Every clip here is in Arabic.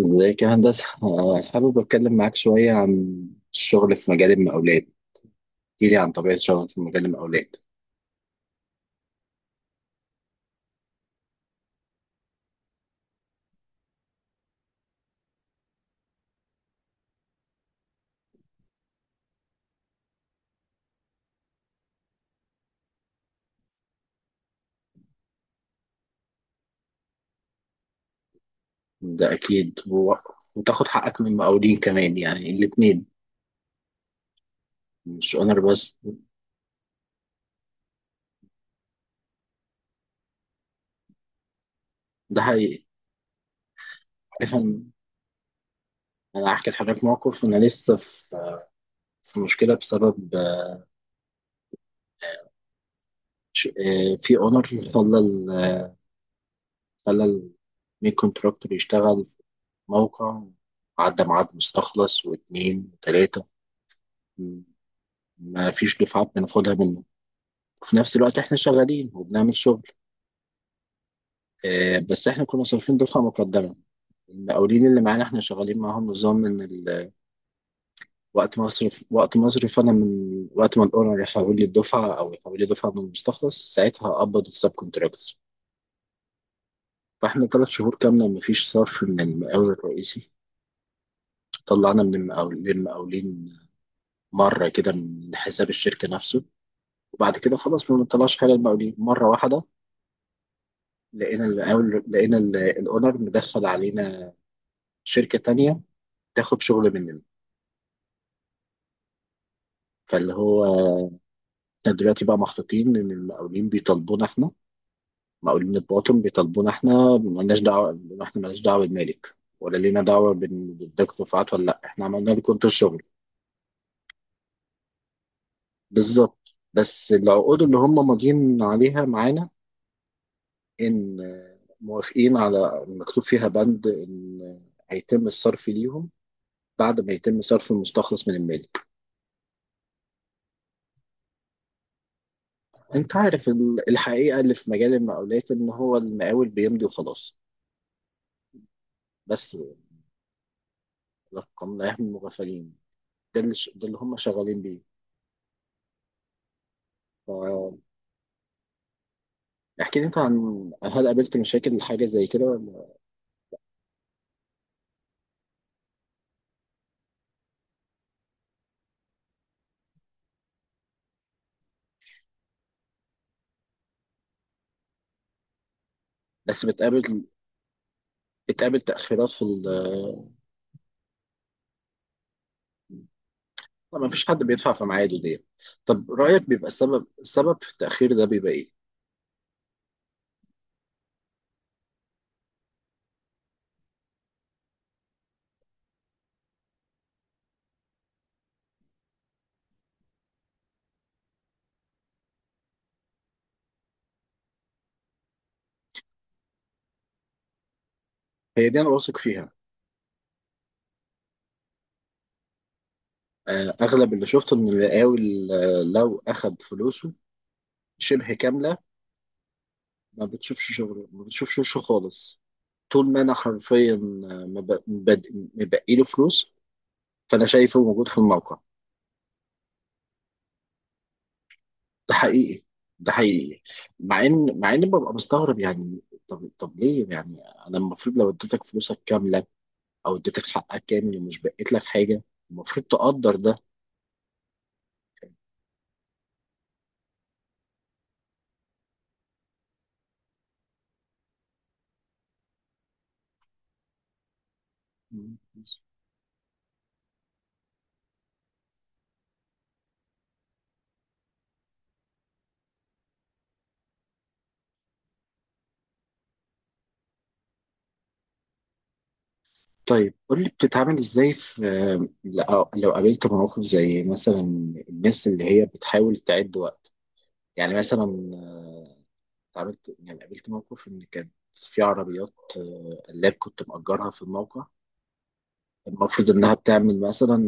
ازيك يا هندسة؟ حابب أتكلم معاك شوية عن الشغل في مجال المقاولات. احكيلي عن طبيعة شغلك في مجال المقاولات. ده أكيد وتاخد حقك من المقاولين كمان، يعني الاتنين مش أونر بس. ده حقيقي. عارف، أنا هحكي لحضرتك موقف. أنا لسه في مشكلة بسبب في أونر خلى ال- خلى المين كونتراكتور يشتغل في موقع، عدى ميعاد مستخلص واتنين وتلاتة، ما فيش دفعات بناخدها منه. وفي نفس الوقت احنا شغالين وبنعمل شغل. بس احنا كنا صارفين دفعة مقدمة. المقاولين اللي معانا، احنا شغالين معاهم نظام وقت مصرف وقت مصرف. انا من وقت ما الاونر يحول لي الدفعة او يحول لي دفعة من المستخلص، ساعتها هقبض السب كونتراكتور. فاحنا 3 شهور كاملة مفيش صرف من المقاول الرئيسي. طلعنا للمقاولين مرة كده من حساب الشركة نفسه، وبعد كده خلاص ما بنطلعش حاجة للمقاولين مرة واحدة. لقينا الاونر مدخل علينا شركة تانية تاخد شغل مننا. فاللي هو احنا دلوقتي بقى محطوطين ان المقاولين بيطالبونا احنا، مقاولين الباطن بيطالبونا احنا، مالناش دعوه. احنا مالناش دعوه بالمالك، ولا لينا دعوه بالدكتور فؤاد ولا لا، احنا عملنا لكم انتوا الشغل. بالظبط، بس العقود اللي هم ماضيين عليها معانا، ان موافقين على، مكتوب فيها بند ان هيتم الصرف ليهم بعد ما يتم صرف المستخلص من المالك. انت عارف الحقيقه اللي في مجال المقاولات، ان هو المقاول بيمضي وخلاص بس. لقمناهم مغفلين. ده اللي هم شغالين بيه. ف... احكي لي انت عن، هل قابلت مشاكل حاجة زي كده ولا؟ بس بتقابل بتقابل تأخيرات في طبعا مفيش حد بيدفع في ميعاده دي. طب رأيك، بيبقى السبب في التأخير ده بيبقى ايه؟ هي دي انا واثق فيها. اغلب اللي شفته ان المقاول لو اخد فلوسه شبه كاملة، ما بتشوفش شغله، ما بتشوفش وشه خالص. طول ما انا حرفيا مبقي له فلوس فانا شايفه موجود في الموقع. ده حقيقي. ده حقيقي. مع ان ببقى مستغرب يعني. طب ليه يعني؟ انا المفروض لو اديتك فلوسك كامله، او اديتك حقك كامل ومش بقيت لك حاجه، المفروض تقدر ده. طيب قول لي، بتتعامل ازاي في، لو قابلت مواقف زي مثلا، الناس اللي هي بتحاول تعد وقت، يعني مثلا آه، اتعاملت، يعني قابلت موقف ان كانت في عربيات قلاب كنت مأجرها في الموقع. المفروض إنها بتعمل مثلا،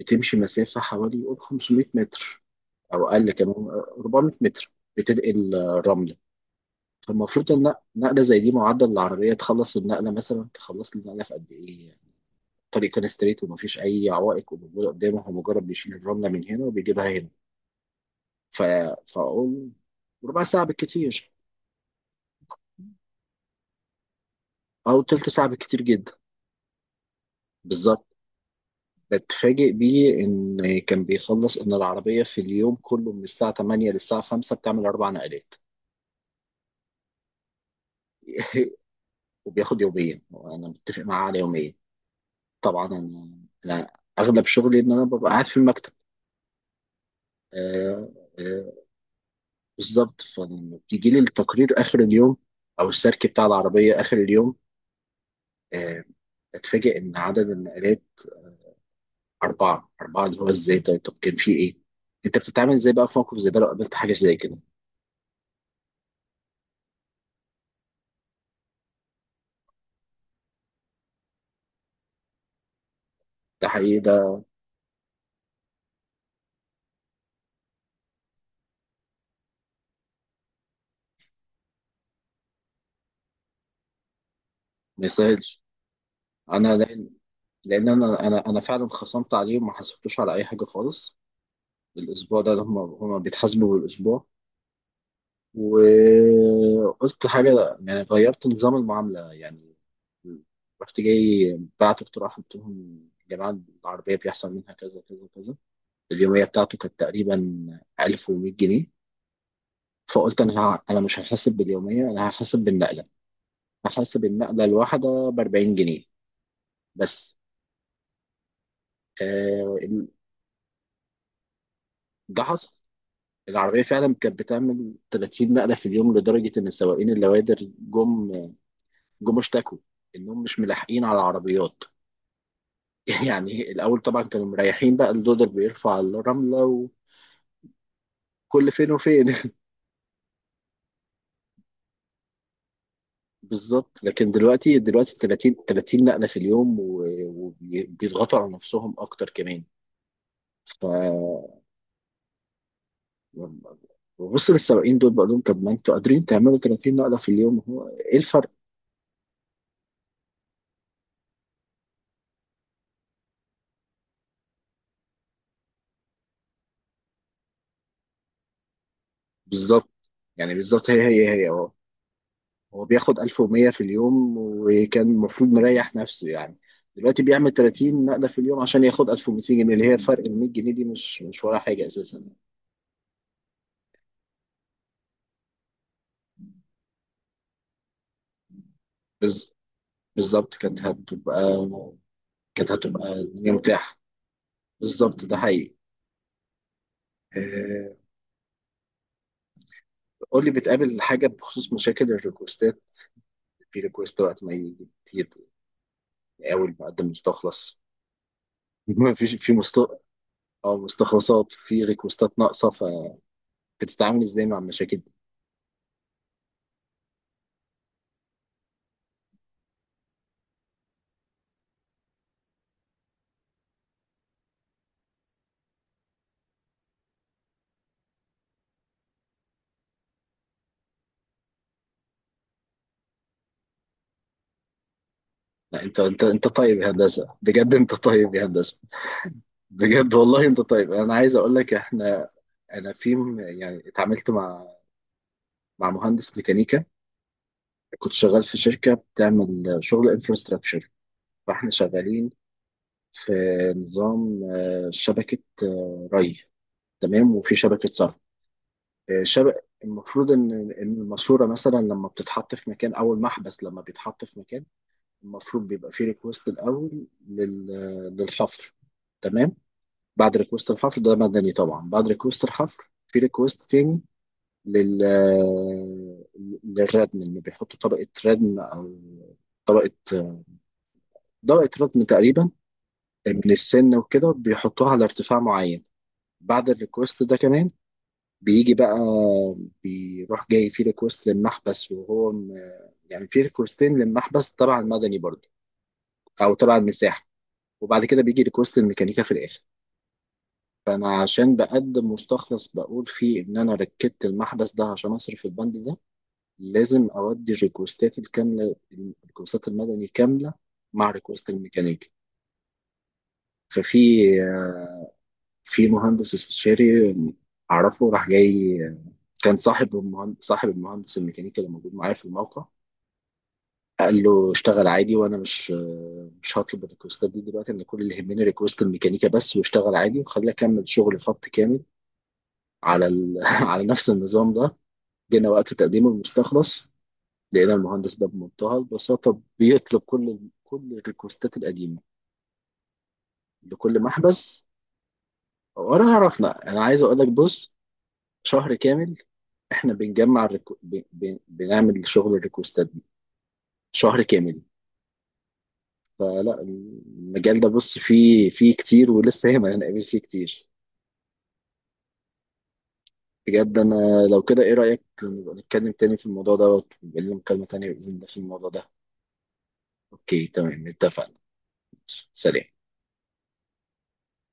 بتمشي مسافة حوالي يقول 500 متر، أو أقل كمان، 400 متر، بتنقل رملة. فالمفروض إن نقلة زي دي، معدل العربية تخلص النقلة، مثلا تخلص النقلة في قد إيه يعني؟ الطريق كان ستريت ومفيش أي عوائق وموجودة قدامه، هو مجرد بيشيل الرملة من هنا وبيجيبها هنا. ف... فأقول ربع ساعة بالكتير، أو تلت ساعة بالكتير جدا. بالظبط. اتفاجئ بيه إن كان بيخلص، إن العربية في اليوم كله من الساعة 8 للساعة 5 بتعمل أربع نقلات. وبياخد يومين، وأنا متفق معاه على يومين. طبعا أنا أغلب شغلي إن أنا ببقى قاعد في المكتب. آه، آه، بالظبط، فلما بيجي لي التقرير آخر اليوم أو السيركي بتاع العربية آخر اليوم، آه، أتفاجئ إن عدد النقلات أربعة أربعة، اللي هو إزاي؟ طيب طب كان في إيه؟ أنت بتتعامل إزاي بقى في موقف زي ده لو قابلت حاجة زي كده؟ ده حقيقي ده. ما يسهلش، انا لان انا فعلا خصمت عليهم، ما حاسبتوش على اي حاجه خالص الاسبوع ده. هم بيتحاسبوا بالاسبوع. وقلت حاجه، يعني غيرت نظام المعامله يعني. رحت جاي بعت اقتراح، قلت لهم يا جماعه، العربيه بيحصل منها كذا كذا كذا. اليوميه بتاعته كانت تقريبا 1100 جنيه. فقلت انا، انا مش هحاسب باليوميه، انا هحاسب بالنقله، هحاسب النقله الواحده ب 40 جنيه بس. آه، ده حصل. العربية فعلا كانت بتعمل 30 نقلة في اليوم، لدرجة إن السواقين اللوادر جم اشتكوا إنهم مش ملاحقين على العربيات. يعني الأول طبعا كانوا مريحين، بقى اللودر بيرفع الرملة وكل فين وفين. بالظبط، لكن دلوقتي، 30 نقلة في اليوم وبيضغطوا على نفسهم أكتر كمان. ف ببص للسواقين دول بقول لهم، طب ما انتوا قادرين تعملوا 30 نقلة في اليوم، هو ايه الفرق؟ بالظبط، يعني بالظبط، هي. هو بياخد 1100 في اليوم، وكان المفروض مريح نفسه يعني. دلوقتي بيعمل 30 نقلة في اليوم عشان ياخد 1200 جنيه، اللي هي فرق ال 100 جنيه دي مش ولا حاجة أساسا. بز- بالظبط، كانت هتبقى الدنيا متاحة. بالظبط، ده حقيقي. آه، قول لي، بتقابل حاجة بخصوص مشاكل الريكوستات؟ في ريكوست وقت ما يجي كتير، أول ما أقدم مستخلص. ما فيش في مست أو مستخلصات، في ريكوستات ناقصة، فبتتعامل إزاي مع المشاكل؟ لا انت طيب يا هندسه، بجد انت طيب يا هندسه. بجد والله انت طيب. انا عايز اقول لك، احنا، انا يعني اتعاملت مع مهندس ميكانيكا. كنت شغال في شركه بتعمل شغل انفراستراكشر. فاحنا شغالين في نظام شبكه ري، تمام، وفي شبكه صرف. آه، شبك المفروض ان الماسوره مثلا لما بتتحط في مكان، او المحبس لما بيتحط في مكان، المفروض بيبقى فيه ريكوست الاول للحفر، تمام. بعد ريكوست الحفر ده مدني طبعا. بعد ريكوست الحفر في ريكوست تاني لل للردم، ان بيحطوا طبقه ردم، او طبقه طبقه ردم تقريبا من السن وكده بيحطوها على ارتفاع معين. بعد الريكوست ده كمان بيجي بقى، بيروح جاي في ريكوست للمحبس، وهو يعني في ريكوستين للمحبس تبع المدني برضه، او تبع المساحه. وبعد كده بيجي ريكوست الميكانيكا في الاخر. فانا عشان بقدم مستخلص، بقول فيه ان انا ركبت المحبس ده عشان اصرف البند ده، لازم اودي ريكوستات الكامله، الريكوستات المدني كامله مع ريكوست الميكانيكي. ففي في مهندس استشاري اعرفه، راح جاي، كان صاحب المهندس الميكانيكي اللي موجود معايا في الموقع، قال له اشتغل عادي وانا مش هطلب الريكوستات دي دلوقتي. انا كل اللي يهمني ريكوست الميكانيكا بس، واشتغل عادي وخليه اكمل شغل خط كامل على ال... على نفس النظام ده. جينا وقت تقديم المستخلص، لقينا المهندس ده بمنتهى البساطة بيطلب كل الريكوستات القديمة لكل محبس. ولا عرفنا. أنا عايز أقول لك، بص، شهر كامل إحنا بنجمع بنعمل شغل الريكوستات دي، شهر كامل. فلا، المجال ده بص فيه، كتير ولسه هنقابل فيه كتير. بجد أنا لو كده، إيه رأيك نبقى نتكلم تاني في الموضوع ده، ويبقى لنا مكالمة تانية بإذن الله في الموضوع ده؟ أوكي، تمام، اتفقنا. سلام.